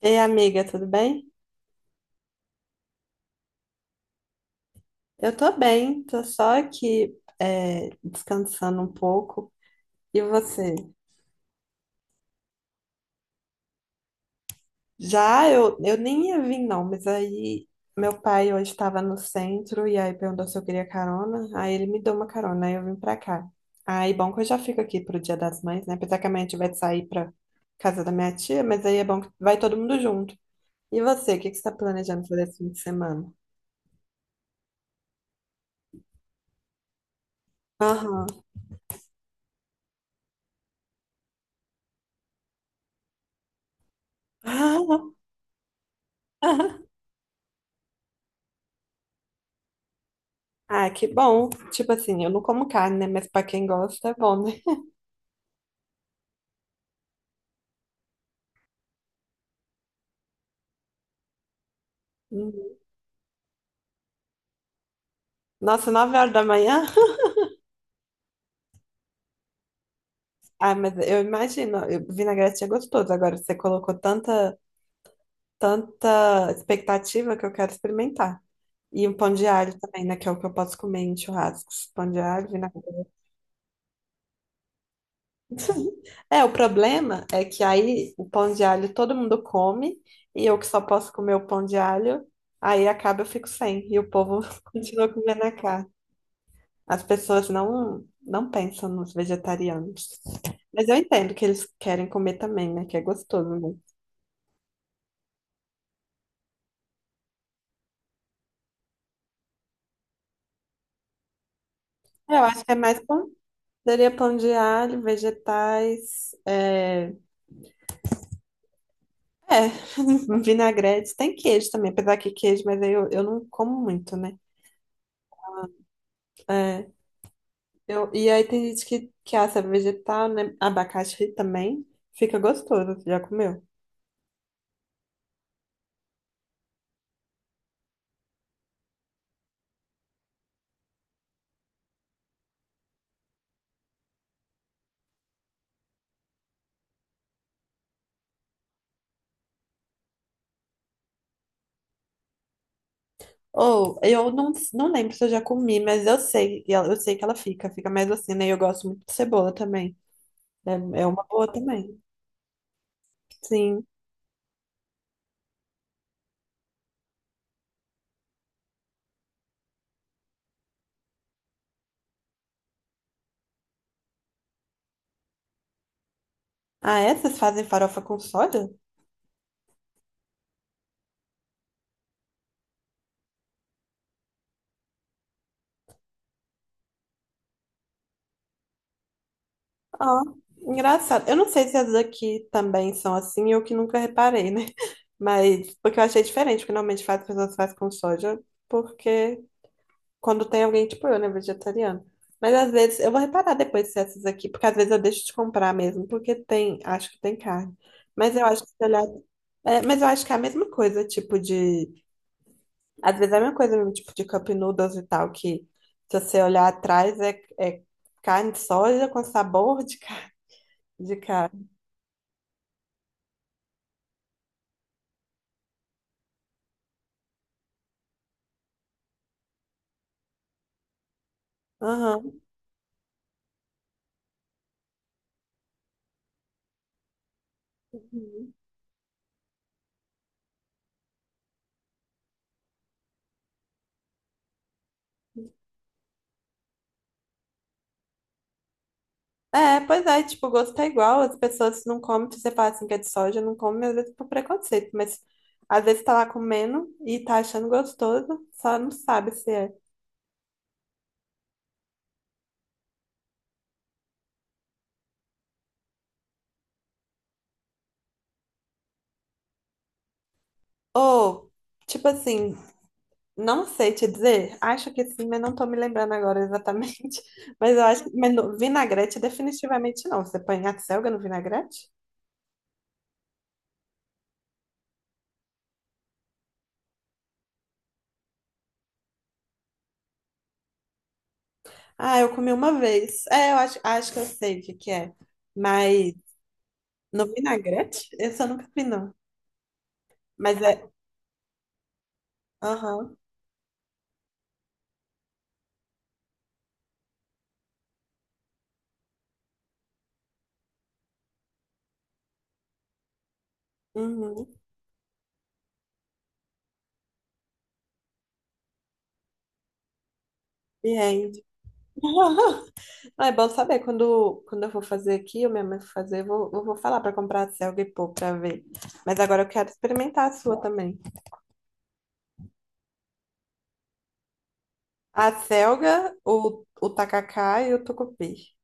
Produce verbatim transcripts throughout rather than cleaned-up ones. Ei, amiga, tudo bem? Eu tô bem, tô só aqui é, descansando um pouco. E você? Já eu, eu nem ia vir, não, mas aí meu pai hoje estava no centro e aí perguntou se eu queria carona. Aí ele me deu uma carona, aí eu vim pra cá. Aí bom que eu já fico aqui pro Dia das Mães, né? Apesar que amanhã a gente vai sair pra casa da minha tia, mas aí é bom que vai todo mundo junto. E você, o que que você tá planejando fazer esse fim de semana? Aham. Ah, que bom. Tipo assim, eu não como carne, né? Mas pra quem gosta é bom, né? Uhum. Nossa, nove horas da manhã? Ah, mas eu imagino, eu- vinagrete é gostoso. Agora você colocou tanta, tanta expectativa que eu quero experimentar. E um pão de alho também, né? Que é o que eu posso comer em churrascos. Pão de alho, vinagrete. É, o problema é que aí o pão de alho todo mundo come e eu que só posso comer o pão de alho, aí acaba eu fico sem. E o povo continua comendo a carne. As pessoas não, não pensam nos vegetarianos. Mas eu entendo que eles querem comer também, né? Que é gostoso, né? Eu acho que é mais pão. Seria pão de alho, vegetais, é, é, vinagrete. Tem queijo também, apesar que queijo, mas aí eu, eu não como muito, né? É, eu, e aí tem gente que, que assa vegetal, né? Abacaxi também. Fica gostoso, você já comeu? Ou eu não, não lembro se eu já comi, mas eu sei, e ela- eu sei que ela fica, fica mais assim, né? E eu gosto muito de cebola também. É, é uma boa também. Sim. Ah, essas fazem farofa com soja? Ah, engraçado. Eu não sei se as daqui também são assim, eu que nunca reparei, né? Mas porque eu achei diferente, porque normalmente faz, as pessoas fazem com soja, porque quando tem alguém, tipo eu, né, vegetariano. Mas às vezes, eu vou reparar depois se essas aqui, porque às vezes eu deixo de comprar mesmo, porque tem, acho que tem carne. Mas eu acho que, se olhar, é, mas eu acho que é a mesma coisa, tipo de, às vezes é a mesma coisa, mesmo, tipo de cup noodles e tal, que se você olhar atrás é, é carne de soja com sabor de carne. De carne. Aham. É, pois é, tipo, o gosto é igual, as pessoas não comem, se você fala assim que é de soja, não come, às vezes por preconceito, mas às vezes tá lá comendo e tá achando gostoso, só não sabe se é. Ou, tipo assim, não sei te dizer, acho que sim, mas não tô me lembrando agora exatamente, mas eu acho que mas no- vinagrete definitivamente não, você põe a selga no vinagrete? Ah, eu comi uma vez, é, eu acho, acho que eu sei o que que é, mas no vinagrete? Esse eu nunca vi não, mas é, aham. Uhum. Entende? Ah, é bom saber. Quando, quando eu for fazer aqui, eu mesmo vou fazer, eu vou, eu vou falar para comprar a selga e pôr para ver. Mas agora eu quero experimentar a sua também. A selga, o, o tacacá e o tucupi.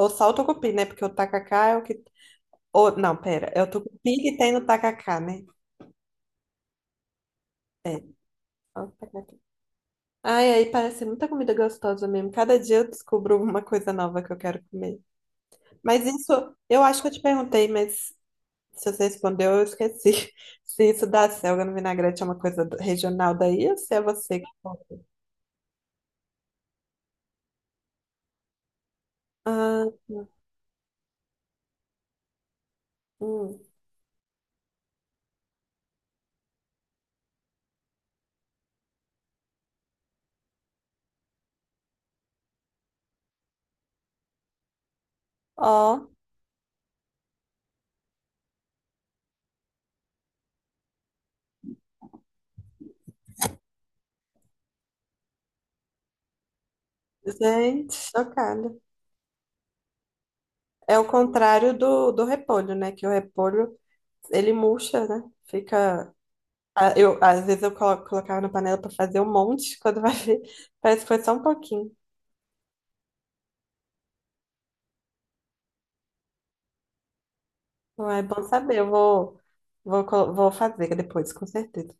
Ou só o tucupi, né? Porque o tacacá é o que. Ou, não, pera. É o tucupi que tem no tacacá, né? É. Ó, o tacacá. Ai, aí parece muita comida gostosa mesmo. Cada dia eu descubro uma coisa nova que eu quero comer. Mas isso, eu acho que eu te perguntei, mas. Se você respondeu, eu esqueci. Se isso da selga no vinagrete é uma coisa do- regional daí, ou se é você que. Falou? Ah, hum. Ó, gente, chocada. É o contrário do, do repolho, né? Que o repolho, ele murcha, né? Fica. Ah, eu, às vezes eu colo- colocava na panela para fazer um monte, quando vai ver, parece que foi só um pouquinho. Então é bom saber, eu vou, vou, colo- vou fazer depois, com certeza.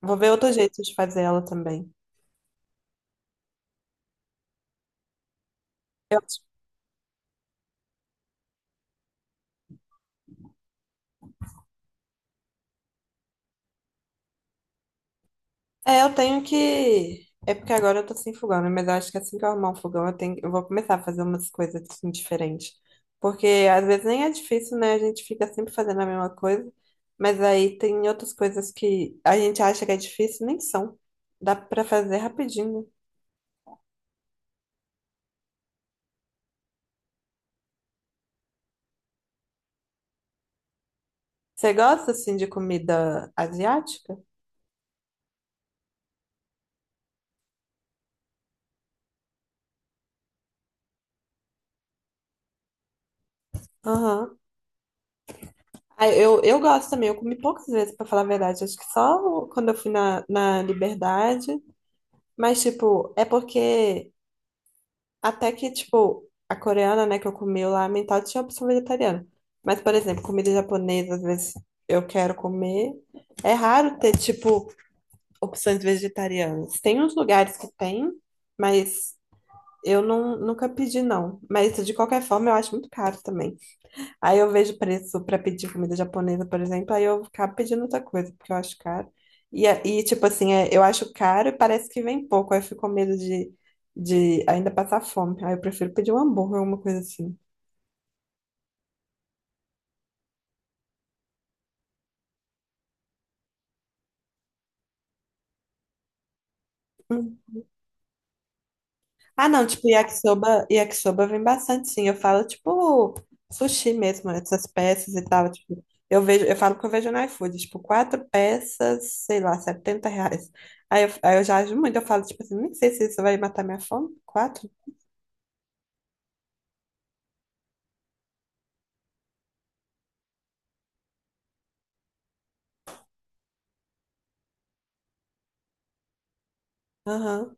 Vou ver outro jeito de fazer ela também. É, eu tenho que. É porque agora eu tô sem fogão, né? Mas eu acho que assim que eu arrumar um fogão, eu tenho... eu vou começar a fazer umas coisas assim, diferentes. Porque às vezes nem é difícil, né? A gente fica sempre fazendo a mesma coisa. Mas aí tem outras coisas que a gente acha que é difícil, nem são. Dá pra fazer rapidinho, né? Você gosta assim de comida asiática? Aham. Ah, Eu, eu gosto também, eu comi poucas vezes, pra falar a verdade. Acho que só quando eu fui na, na Liberdade. Mas, tipo, é porque. Até que, tipo, a coreana, né, que eu comi lá, a mental tinha opção vegetariana. Mas, por exemplo, comida japonesa, às vezes eu quero comer. É raro ter, tipo, opções vegetarianas. Tem uns lugares que tem, mas eu não, nunca pedi, não. Mas de qualquer forma eu acho muito caro também. Aí eu vejo preço para pedir comida japonesa, por exemplo, aí eu acabo pedindo outra coisa, porque eu acho caro. E, a- e tipo assim, é, eu acho caro e parece que vem pouco. Aí eu fico com medo de, de ainda passar fome. Aí eu prefiro pedir um hambúrguer, alguma coisa assim. Ah, não, tipo, yakisoba, yakisoba vem bastante, sim. Eu falo, tipo, sushi mesmo, né, essas peças e tal. Tipo, eu vejo, eu falo que eu vejo no iFood, tipo, quatro peças, sei lá, setenta reais. Aí eu, aí eu já ajo muito, eu falo, tipo assim, nem sei se isso vai matar minha fome. Quatro? Aham.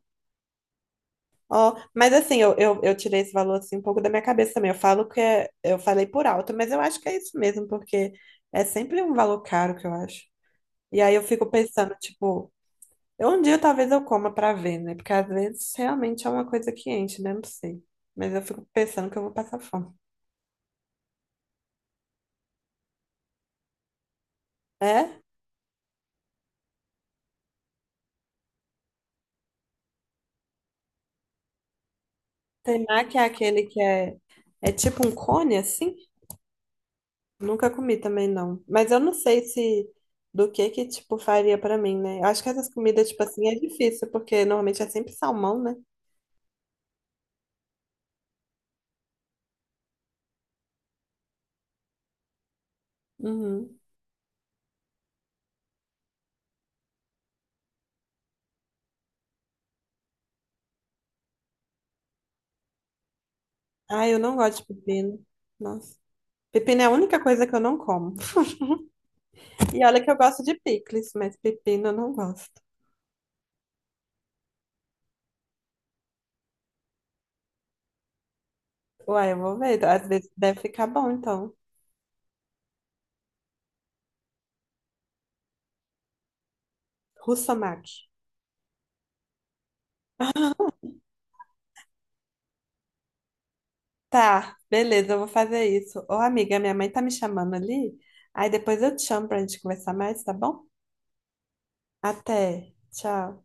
Ó, mas assim, eu, eu, eu tirei esse valor assim um pouco da minha cabeça também. Eu falo que é, eu falei por alto, mas eu acho que é isso mesmo, porque é sempre um valor caro que eu acho. E aí eu fico pensando, tipo. Um dia talvez eu coma pra ver, né? Porque às vezes realmente é uma coisa que enche, né? Não sei. Mas eu fico pensando que eu vou passar fome. É? Temaki é aquele que é, é tipo um cone, assim? Nunca comi também, não. Mas eu não sei se do que que, tipo, faria pra mim, né? Eu acho que essas comidas, tipo assim, é difícil, porque normalmente é sempre salmão, né? Uhum. Ah, eu não gosto de pepino. Nossa. Pepino é a única coisa que eu não como. E olha que eu gosto de picles, mas pepino eu não gosto. Uai, eu vou ver. Às vezes deve ficar bom, então. Russomach. Tá, beleza, eu vou fazer isso. Ô, amiga, minha mãe tá me chamando ali. Aí depois eu te chamo pra gente conversar mais, tá bom? Até. Tchau.